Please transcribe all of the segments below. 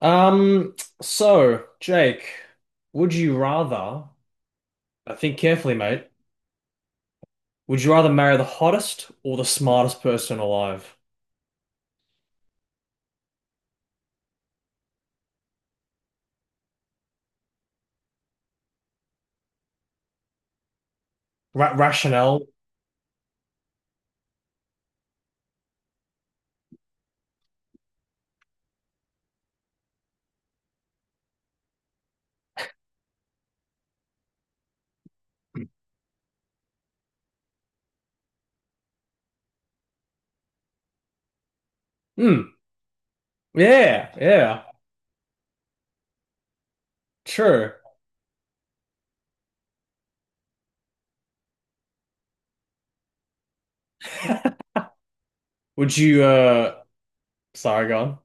Um, so, Jake, would you rather, I think carefully, mate, would you rather marry the hottest or the smartest person alive? Ra rationale? Hmm. Yeah, yeah, true. Would you, sorry, go on.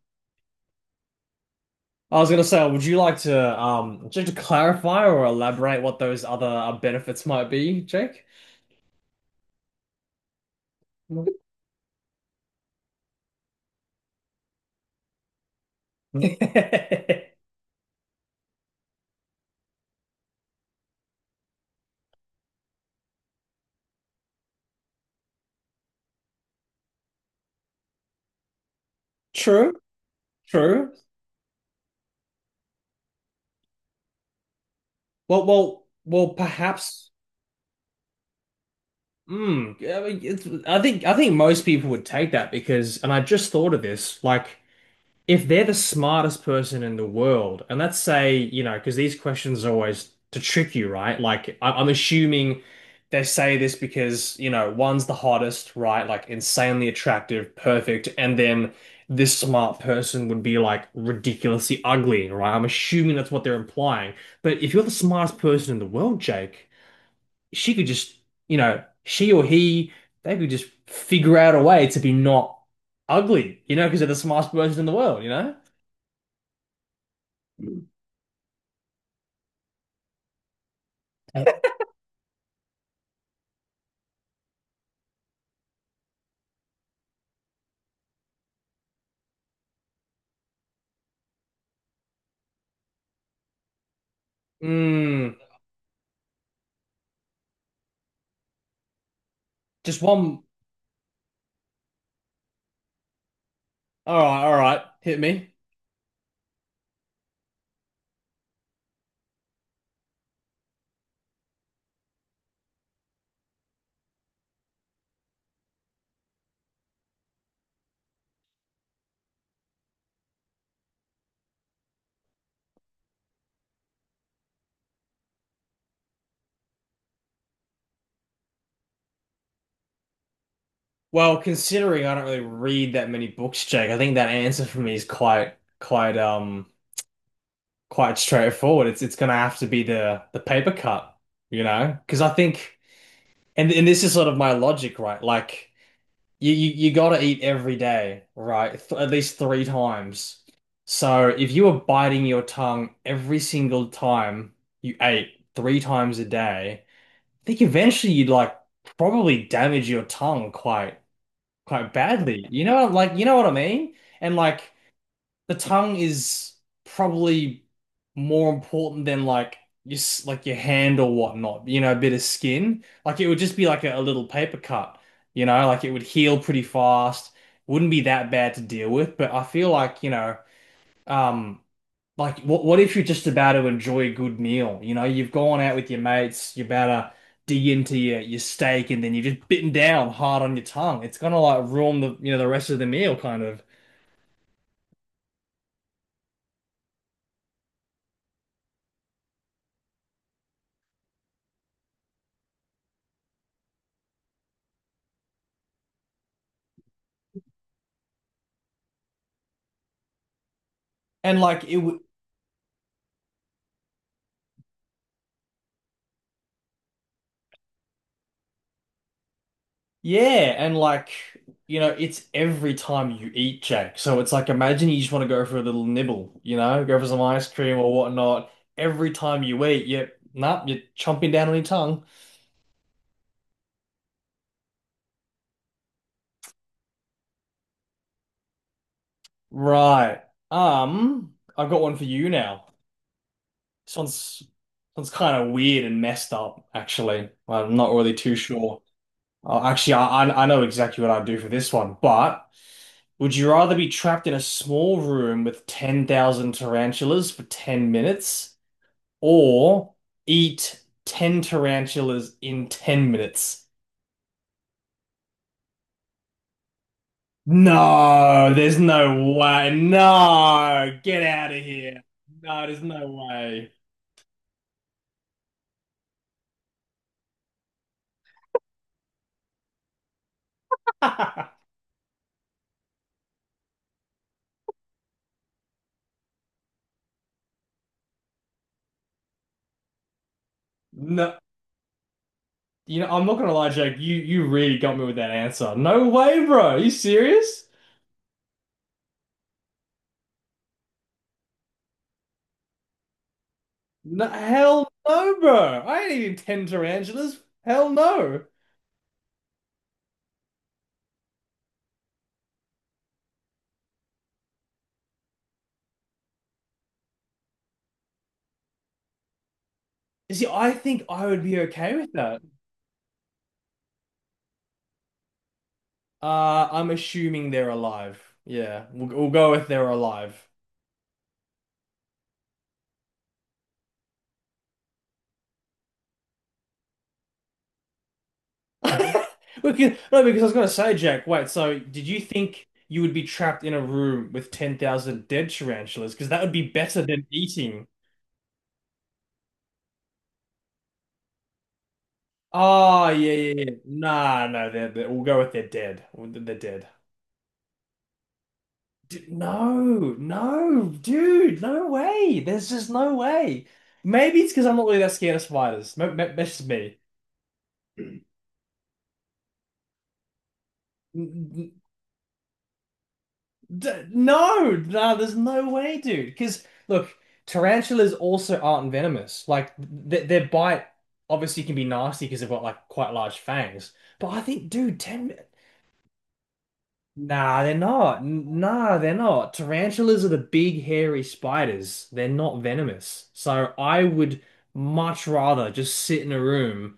I was gonna say, would you like to, just to clarify or elaborate what those other benefits might be, Jake? True, true. Well, well, well, perhaps. Mm, I mean, it's, I think most people would take that because, and I just thought of this, like if they're the smartest person in the world, and let's say, you know, because these questions are always to trick you, right? Like I'm assuming they say this because, you know, one's the hottest, right? Like insanely attractive, perfect, and then this smart person would be like ridiculously ugly, right? I'm assuming that's what they're implying. But if you're the smartest person in the world, Jake, she could just, you know, she or he, they could just figure out a way to be not ugly, you know, because they're the smartest person in the world, you know? Mm, just one. All right, hit me. Well, considering I don't really read that many books, Jake, I think that answer for me is quite, quite, quite straightforward. It's gonna have to be the paper cut, you know, because I think, and this is sort of my logic, right? Like. You gotta eat every day, right? Th at least three times. So if you were biting your tongue every single time you ate three times a day, I think eventually you'd like probably damage your tongue quite badly. You know, like you know what I mean? And like the tongue is probably more important than like your s- like your hand or whatnot. You know, a bit of skin. Like it would just be like a little paper cut. You know, like it would heal pretty fast. Wouldn't be that bad to deal with. But I feel like you know, um, like what if you're just about to enjoy a good meal? You know, you've gone out with your mates. You're about to dig into your steak, and then you're just bitten down hard on your tongue. It's gonna like ruin the you know the rest of the meal, kind of. And like it would. Yeah, and like, you know, it's every time you eat, Jack. So it's like imagine you just want to go for a little nibble, you know, go for some ice cream or whatnot. Every time you eat, you're nah, you're chomping down on your tongue. Right. I've got one for you now. This one's kind of weird and messed up, actually. I'm not really too sure. Actually, I know exactly what I'd do for this one, but would you rather be trapped in a small room with 10,000 tarantulas for 10 minutes, or eat 10 tarantulas in 10 minutes? No, there's no way. No, get out of here. No, there's no way. No, you know, I'm not gonna lie, Jake. You really got me with that answer. No way, bro. Are you serious? No, hell no, bro. I ain't eating 10 tarantulas. Hell no. You see, I think I would be okay with that. I'm assuming they're alive. Yeah, we'll go with they're alive. We can, no, because I was going to say, Jack, wait, so did you think you would be trapped in a room with 10,000 dead tarantulas? Because that would be better than eating. Oh, yeah, yeah, yeah. Nah, no, we'll go with they're dead. They're dead. D no, no, dude, no way. There's just no way. Maybe it's because I'm not really that scared of spiders. Maybe, maybe that's just me. N- n- D no, no, there's no way, dude. Because look, tarantulas also aren't venomous. Like th their bite obviously can be nasty because they've got like quite large fangs. But I think, dude, ten. Mi- Nah, they're not. N- Nah, they're not. Tarantulas are the big hairy spiders. They're not venomous. So I would much rather just sit in a room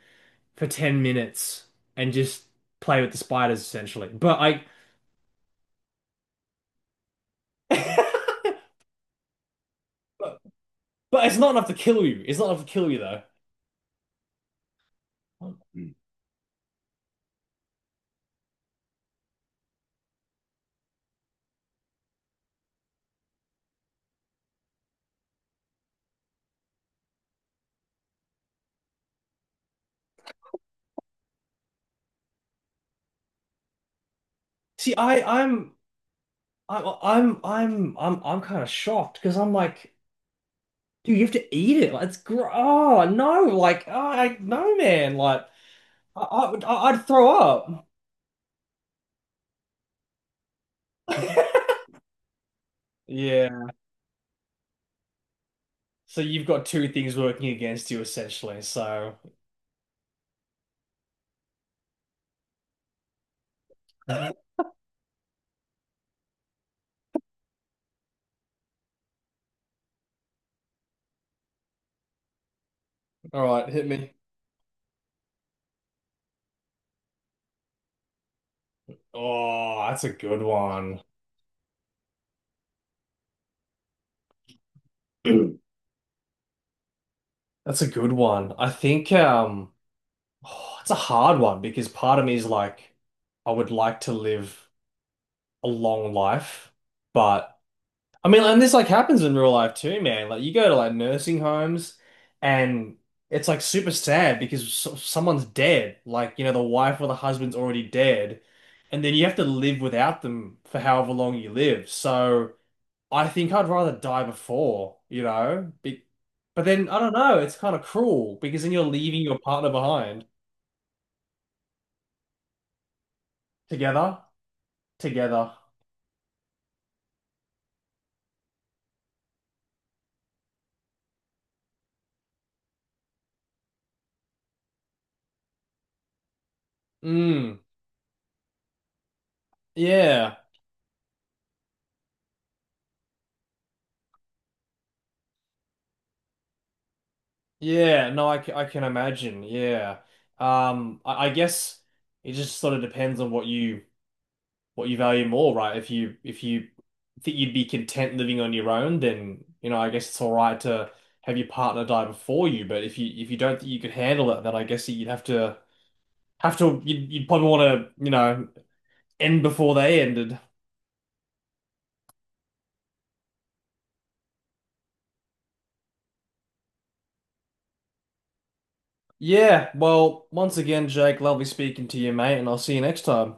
for 10 minutes and just play with the spiders essentially. But I. But it's not enough to kill you. It's not enough to kill you though. See, I, I'm kind of shocked because I'm like, dude, you have to eat it. Like, it's gr oh no, like, oh, I no, man, like, I'd throw up. Yeah. So you've got two things working against you essentially. So, all right, hit me. Oh, that's a good one. That's a good one. I think oh, it's a hard one because part of me is like, I would like to live a long life, but. I mean, and this like happens in real life too, man. Like you go to like nursing homes and it's like super sad because so someone's dead. Like, you know, the wife or the husband's already dead. And then you have to live without them for however long you live. So I think I'd rather die before, you know? Be but then I don't know, it's kind of cruel because then you're leaving your partner behind. Together? Together. Mm. Yeah. Yeah, no, I, c- I can imagine. Yeah. I guess it just sort of depends on what you value more, right? If you think you'd be content living on your own, then you know, I guess it's all right to have your partner die before you. But if you don't think you could handle it, then I guess you'd have to you'd probably want to, you know, end before they ended. Yeah, well, once again, Jake, lovely speaking to you, mate, and I'll see you next time.